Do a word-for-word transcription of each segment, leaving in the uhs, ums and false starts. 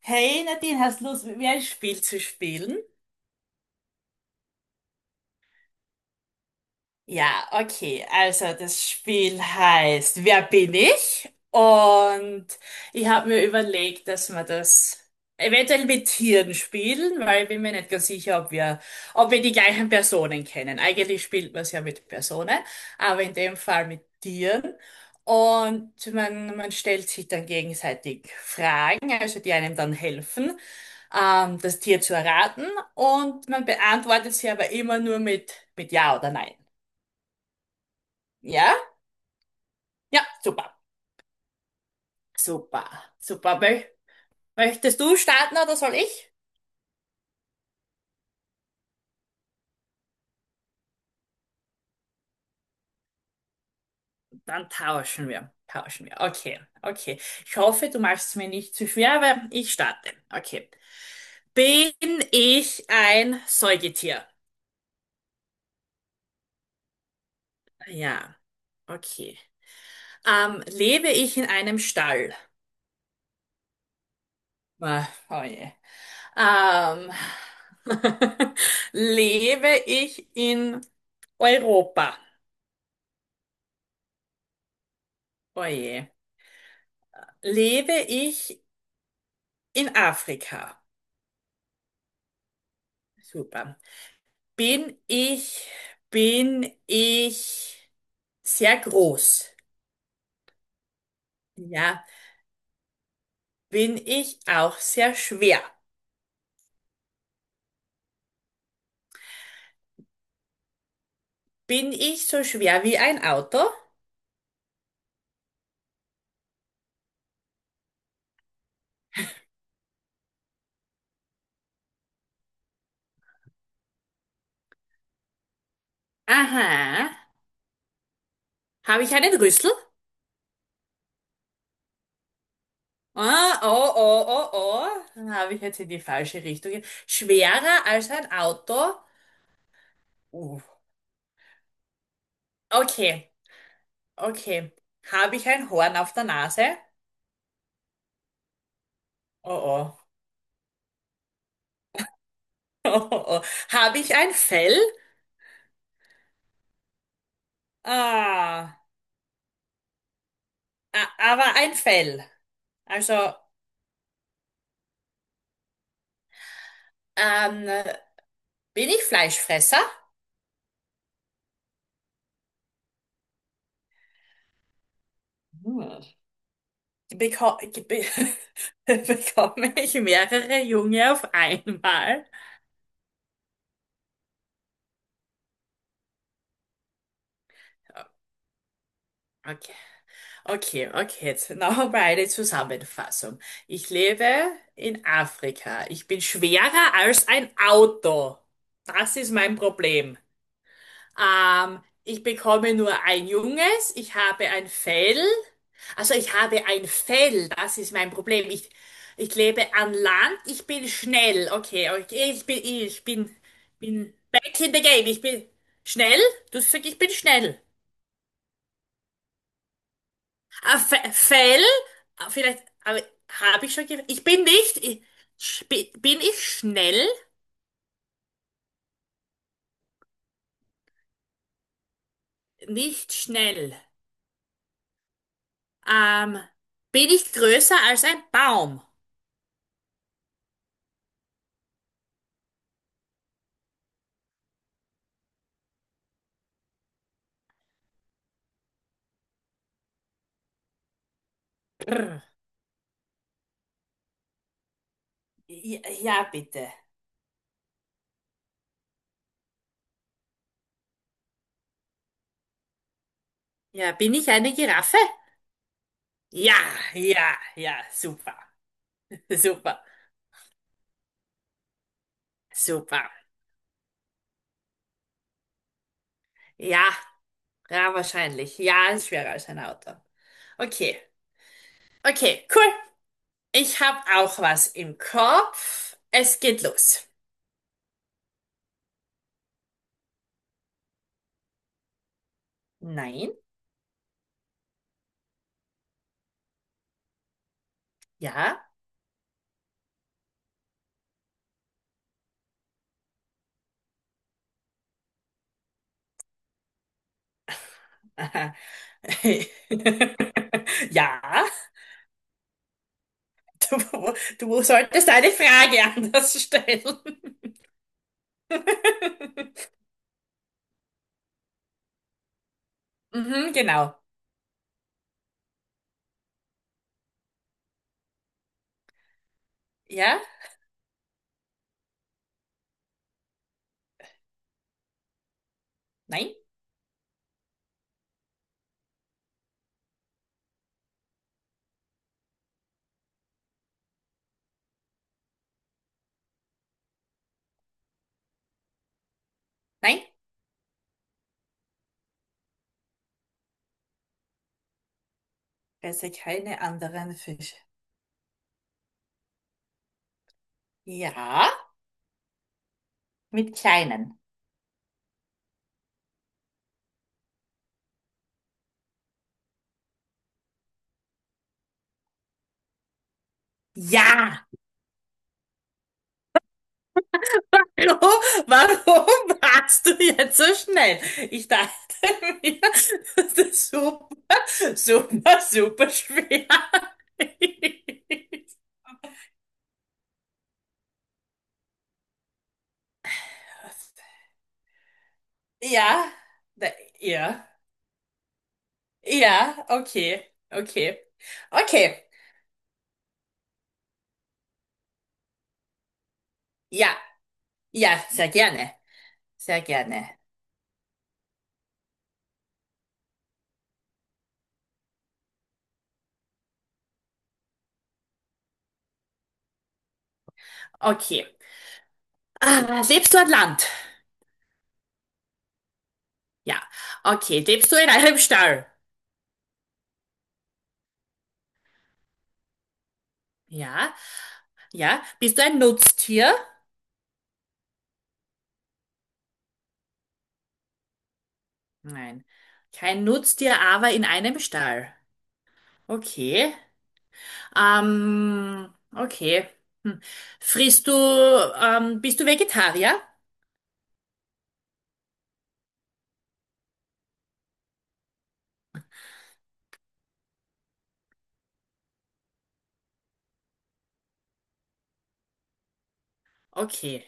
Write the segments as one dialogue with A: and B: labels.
A: Hey Nadine, hast du Lust, mit mir ein Spiel zu spielen? Ja, okay. Also das Spiel heißt Wer bin ich? Und ich habe mir überlegt, dass wir das eventuell mit Tieren spielen, weil ich bin mir nicht ganz sicher, ob wir, ob wir die gleichen Personen kennen. Eigentlich spielt man es ja mit Personen, aber in dem Fall mit Tieren. Und man, man stellt sich dann gegenseitig Fragen, also die einem dann helfen, ähm, das Tier zu erraten. Und man beantwortet sie aber immer nur mit, mit Ja oder Nein. Ja? Ja, super. Super. Super. Mö möchtest du starten oder soll ich? Dann tauschen wir. Tauschen wir. Okay, okay. Ich hoffe, du machst es mir nicht zu schwer, aber ich starte. Okay. Bin ich ein Säugetier? Ja, okay. Ähm, lebe ich in einem Stall? Ah, oh je. Ähm, lebe ich in Europa? Oh je. Lebe ich in Afrika? Super. Bin ich, bin ich sehr groß? Ja. Bin ich auch sehr schwer? Bin ich so schwer wie ein Auto? Aha. Habe ich einen Rüssel? Ah, oh, oh, oh, oh. Dann habe ich jetzt in die falsche Richtung. ge- Schwerer als ein Auto? Uh. Okay, okay. Habe ich ein Horn auf der Nase? Oh, oh. Oh, oh, oh. Habe ich ein Fell? Ah, a- aber ein Fell. Also, ähm, bin ich Fleischfresser? Hm. Beko be bekomme ich mehrere Junge auf einmal? Okay, okay, okay. Jetzt nochmal eine Zusammenfassung. Ich lebe in Afrika. Ich bin schwerer als ein Auto. Das ist mein Problem. Ähm, ich bekomme nur ein junges, ich habe ein Fell. Also ich habe ein Fell, das ist mein Problem. Ich, ich lebe an Land, ich bin schnell. Okay, okay, ich bin, ich bin, bin back in the game. Ich bin schnell. Du sagst, ich bin schnell. Ein Fe- Fell, ah, vielleicht, aber habe ich schon gesagt. Ich bin nicht, ich, sp- bin ich schnell? Nicht schnell. Ähm, bin ich größer als ein Baum? Ja, ja, bitte. Ja, bin ich eine Giraffe? Ja, ja, ja, super, super, super. Ja, ja, wahrscheinlich. Ja, ist schwerer als ein Auto. Okay, okay, cool. Ich habe auch was im Kopf. Es geht los. Nein, ja. Aha. Ja, du, du solltest eine Frage anders stellen. Mhm, genau. Ja, nein, nein. Besser keine anderen Fische. Ja, mit kleinen. Ja! Hallo, warum warst du jetzt so schnell? Ich dachte mir, das ist super, super, super schwer. Ja, da, ja, ja, okay, okay, okay, ja, ja, sehr gerne, sehr gerne. Okay. Ah, lebst du an Land? Ja. Okay. Lebst du in einem Stall? Ja. Ja, bist du ein Nutztier? Nein. Kein Nutztier, aber in einem Stall. Okay. Ähm, okay. Hm. Frisst du, ähm, bist du Vegetarier? Okay.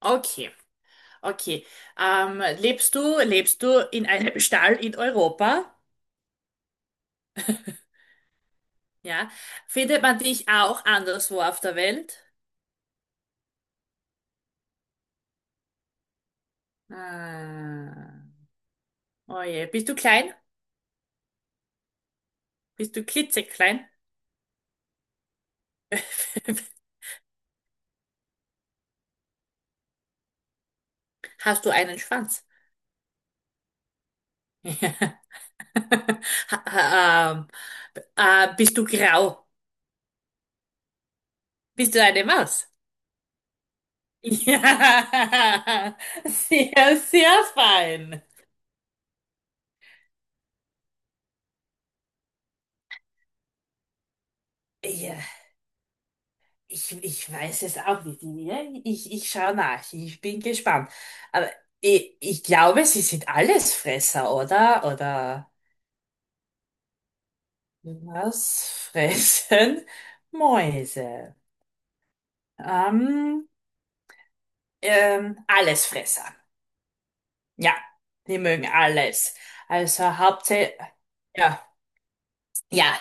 A: Okay. Okay. Ähm, lebst du, lebst du in einem Stall in Europa? Ja. Findet man dich auch anderswo auf der Welt? Ah. Oh je. Bist du klein? Bist du klitzeklein? Hast du einen Schwanz? Ha- Ähm, äh, bist du grau? Bist du eine Maus? Ja, sehr, sehr fein. Ja, ich, ich weiß es auch nicht. Ja, Ich, ich schaue nach. Ich bin gespannt. Aber ich, ich glaube, sie sind Allesfresser, oder? Oder was fressen Mäuse? Ähm, ähm, Allesfresser. Ja, die mögen alles. Also hauptsächlich. Ja. Ja,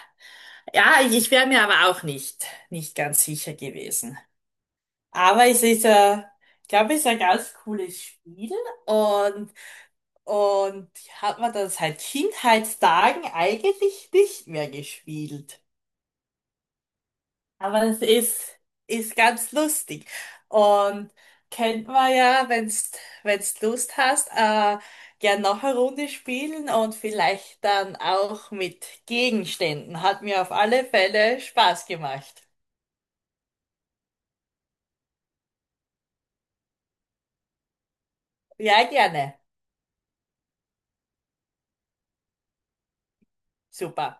A: ja, ich, ich wäre mir aber auch nicht, nicht ganz sicher gewesen. Aber es ist äh, ich glaube, es ist ein ganz cooles Spiel und, und hat man das seit Kindheitstagen eigentlich nicht mehr gespielt. Aber es ist, ist ganz lustig. Und kennt man ja, wenn's, wenn's Lust hast, äh, gern noch eine Runde spielen und vielleicht dann auch mit Gegenständen. Hat mir auf alle Fälle Spaß gemacht. Ja, gerne. Super.